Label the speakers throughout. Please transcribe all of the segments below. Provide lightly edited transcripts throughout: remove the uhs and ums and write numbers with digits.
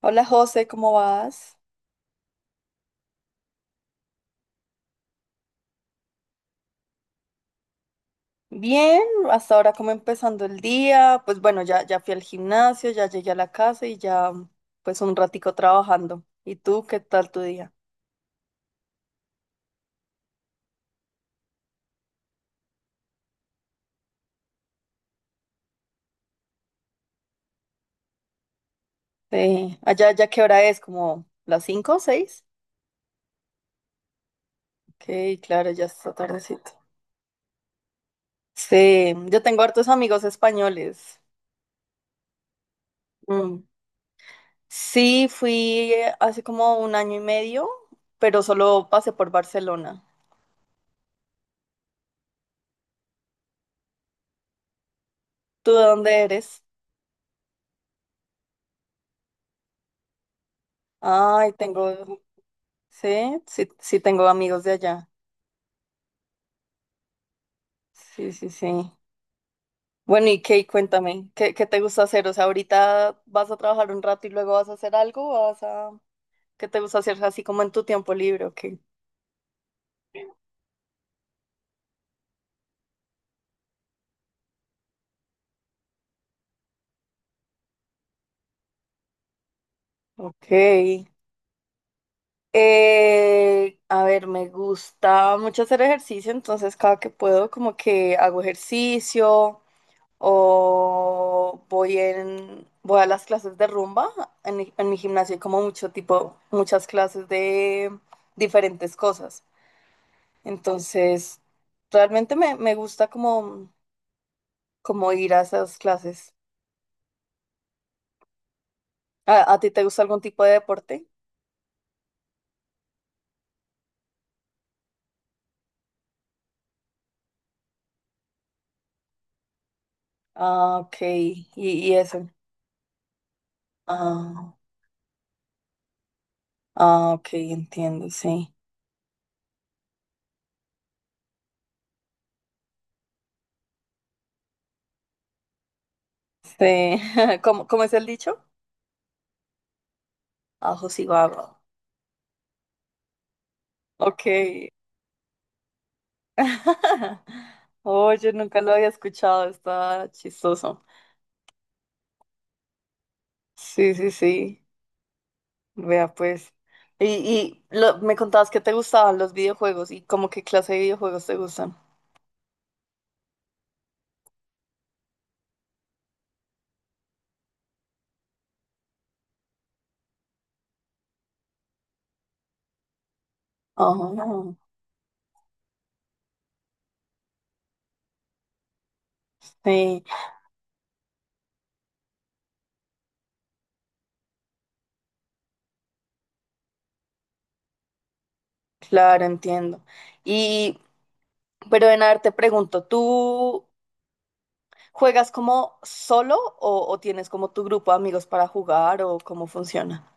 Speaker 1: Hola José, ¿cómo vas? Bien, hasta ahora como empezando el día, pues bueno, ya fui al gimnasio, ya llegué a la casa y ya pues un ratico trabajando. ¿Y tú qué tal tu día? Sí, allá ya qué hora es, como las cinco o seis. Ok, claro, ya está tardecito. Sí, yo tengo hartos amigos españoles. Mm. Sí, fui hace como un año y medio, pero solo pasé por Barcelona. ¿Tú de dónde eres? Ay, tengo. Sí, sí, sí tengo amigos de allá. Sí, sí, sí. Bueno, y Kate, cuéntame, ¿qué te gusta hacer? O sea, ahorita vas a trabajar un rato y luego vas a hacer algo, o vas a... ¿Qué te gusta hacer así como en tu tiempo libre? Ok. Ok. A ver, me gusta mucho hacer ejercicio, entonces cada que puedo como que hago ejercicio, o voy a las clases de rumba. En mi gimnasio hay como mucho tipo, muchas clases de diferentes cosas. Entonces, realmente me gusta como, como ir a esas clases. ¿A ti te gusta algún tipo de deporte? Ah, ok. Y eso. Ah, ah, ok, entiendo, sí. Sí. ¿Cómo es el dicho? Ajo y baba. Ok. Oye, nunca lo había escuchado, está chistoso. Sí, sí, sí. Vea pues. Y, me contabas que te gustaban los videojuegos y como qué clase de videojuegos te gustan. Oh, sí, claro, entiendo. Y, pero en ver, te pregunto, ¿tú juegas como solo o tienes como tu grupo de amigos para jugar o cómo funciona?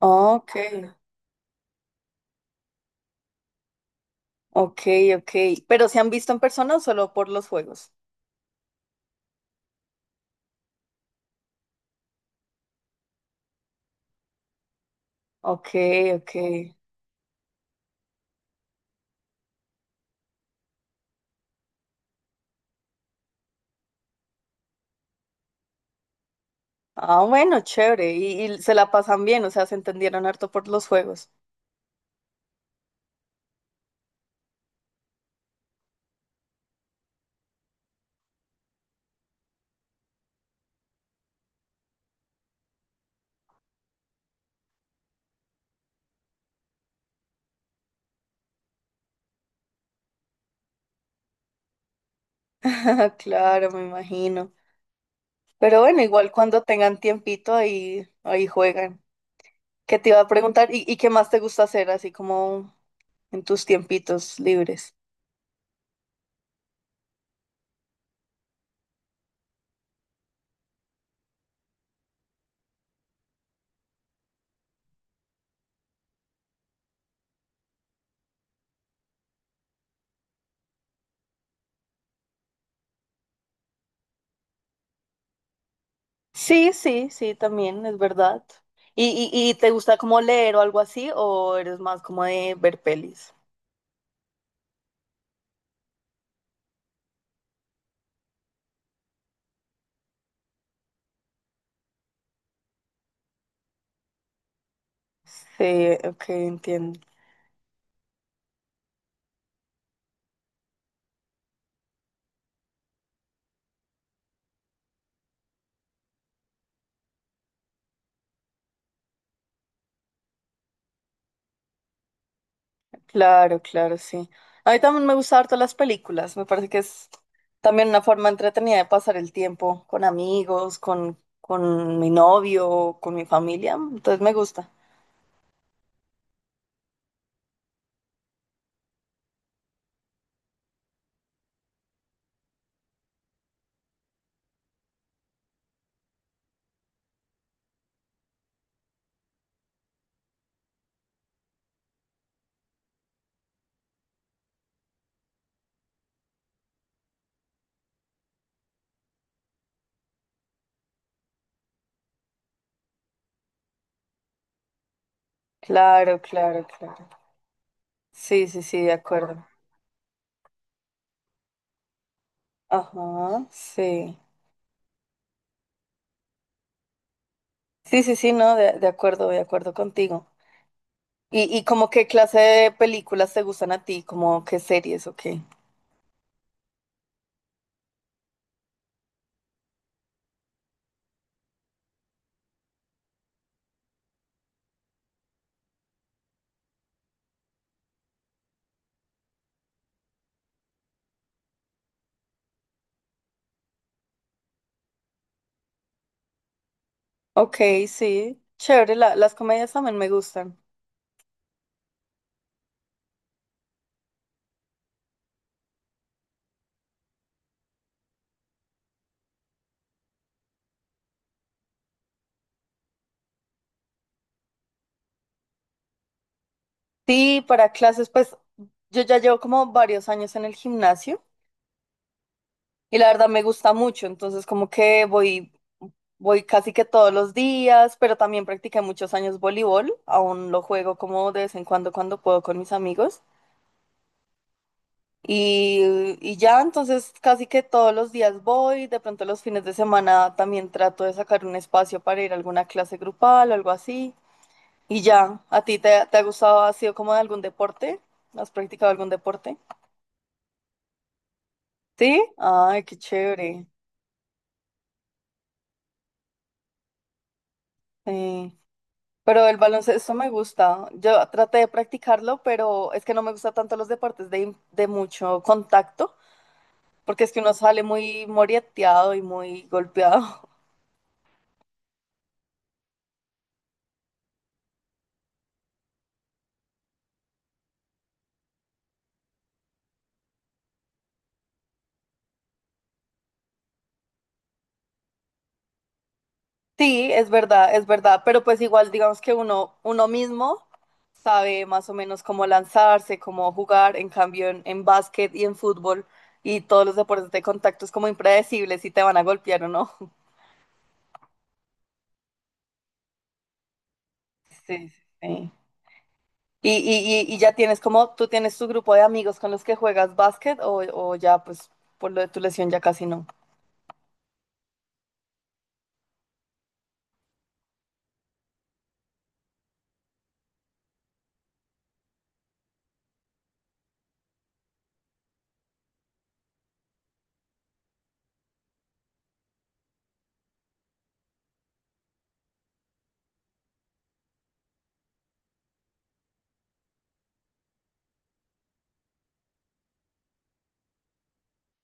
Speaker 1: Ok, ok, ok. ¿Pero se han visto en persona o solo por los juegos? Ok, ok. Ah, bueno, chévere. Y se la pasan bien, o sea, se entendieron harto por los juegos. Claro, me imagino. Pero bueno, igual cuando tengan tiempito ahí, ahí juegan. ¿Qué te iba a preguntar? ¿Y qué más te gusta hacer así como en tus tiempitos libres? Sí, sí, sí, también, es verdad. ¿Y te gusta como leer o algo así? ¿O eres más como de ver pelis? Sí, ok, entiendo. Claro, claro, sí. A mí también me gustan harto las películas. Me parece que es también una forma entretenida de pasar el tiempo con amigos, con mi novio, con mi familia. Entonces me gusta. Claro, claro, claro. Sí, sí, sí, de acuerdo. Ajá, sí. Sí, sí, sí, no, de acuerdo contigo. ¿Y como qué clase de películas te gustan a ti? ¿Como qué series o qué? Ok, sí. Chévere, las comedias también me gustan. Sí, para clases, pues yo ya llevo como varios años en el gimnasio y la verdad me gusta mucho, entonces como que voy casi que todos los días, pero también practiqué muchos años voleibol, aún lo juego como de vez en cuando cuando puedo con mis amigos y, y ya, entonces casi que todos los días voy, de pronto los fines de semana también trato de sacar un espacio para ir a alguna clase grupal o algo así y ya, ¿a ti te ha gustado, ha sido como de algún deporte? ¿Has practicado algún deporte? Sí, ay, qué chévere. Sí. Pero el baloncesto me gusta. Yo traté de practicarlo, pero es que no me gusta tanto los deportes de mucho contacto, porque es que uno sale muy moreteado y muy golpeado. Sí, es verdad, pero pues igual digamos que uno mismo sabe más o menos cómo lanzarse, cómo jugar, en cambio en básquet y en fútbol y todos los deportes de contacto es como impredecible si te van a golpear o no. Sí, sí. Sí. Y ya tienes como, tú tienes tu grupo de amigos con los que juegas básquet o ya pues por lo de tu lesión ya casi no.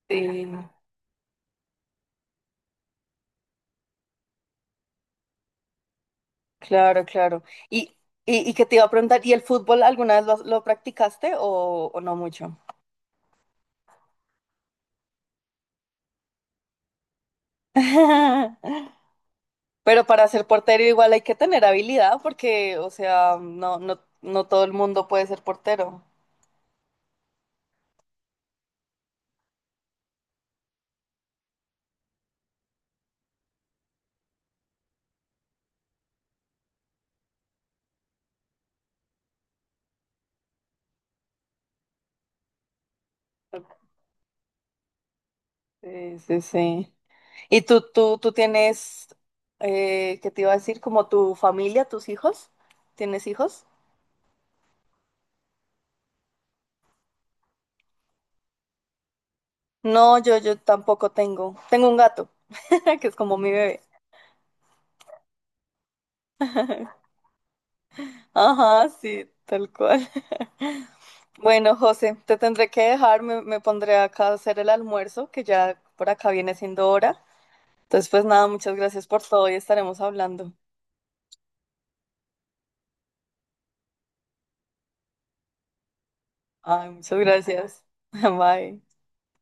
Speaker 1: Sí, claro, claro. Y, y que te iba a preguntar, ¿y el fútbol alguna vez lo practicaste o no mucho? Pero para ser portero igual hay que tener habilidad porque, o sea, no, no, no todo el mundo puede ser portero. Sí, sí, sí. ¿Y tú tienes, qué te iba a decir, como tu familia, tus hijos? ¿Tienes hijos? No, yo tampoco tengo. Tengo un gato, que es como mi bebé. Ajá, sí, tal cual. Bueno, José, te tendré que dejar, me pondré acá a hacer el almuerzo, que ya por acá viene siendo hora. Entonces, pues nada, muchas gracias por todo y estaremos hablando. Ay, muchas gracias. Bye.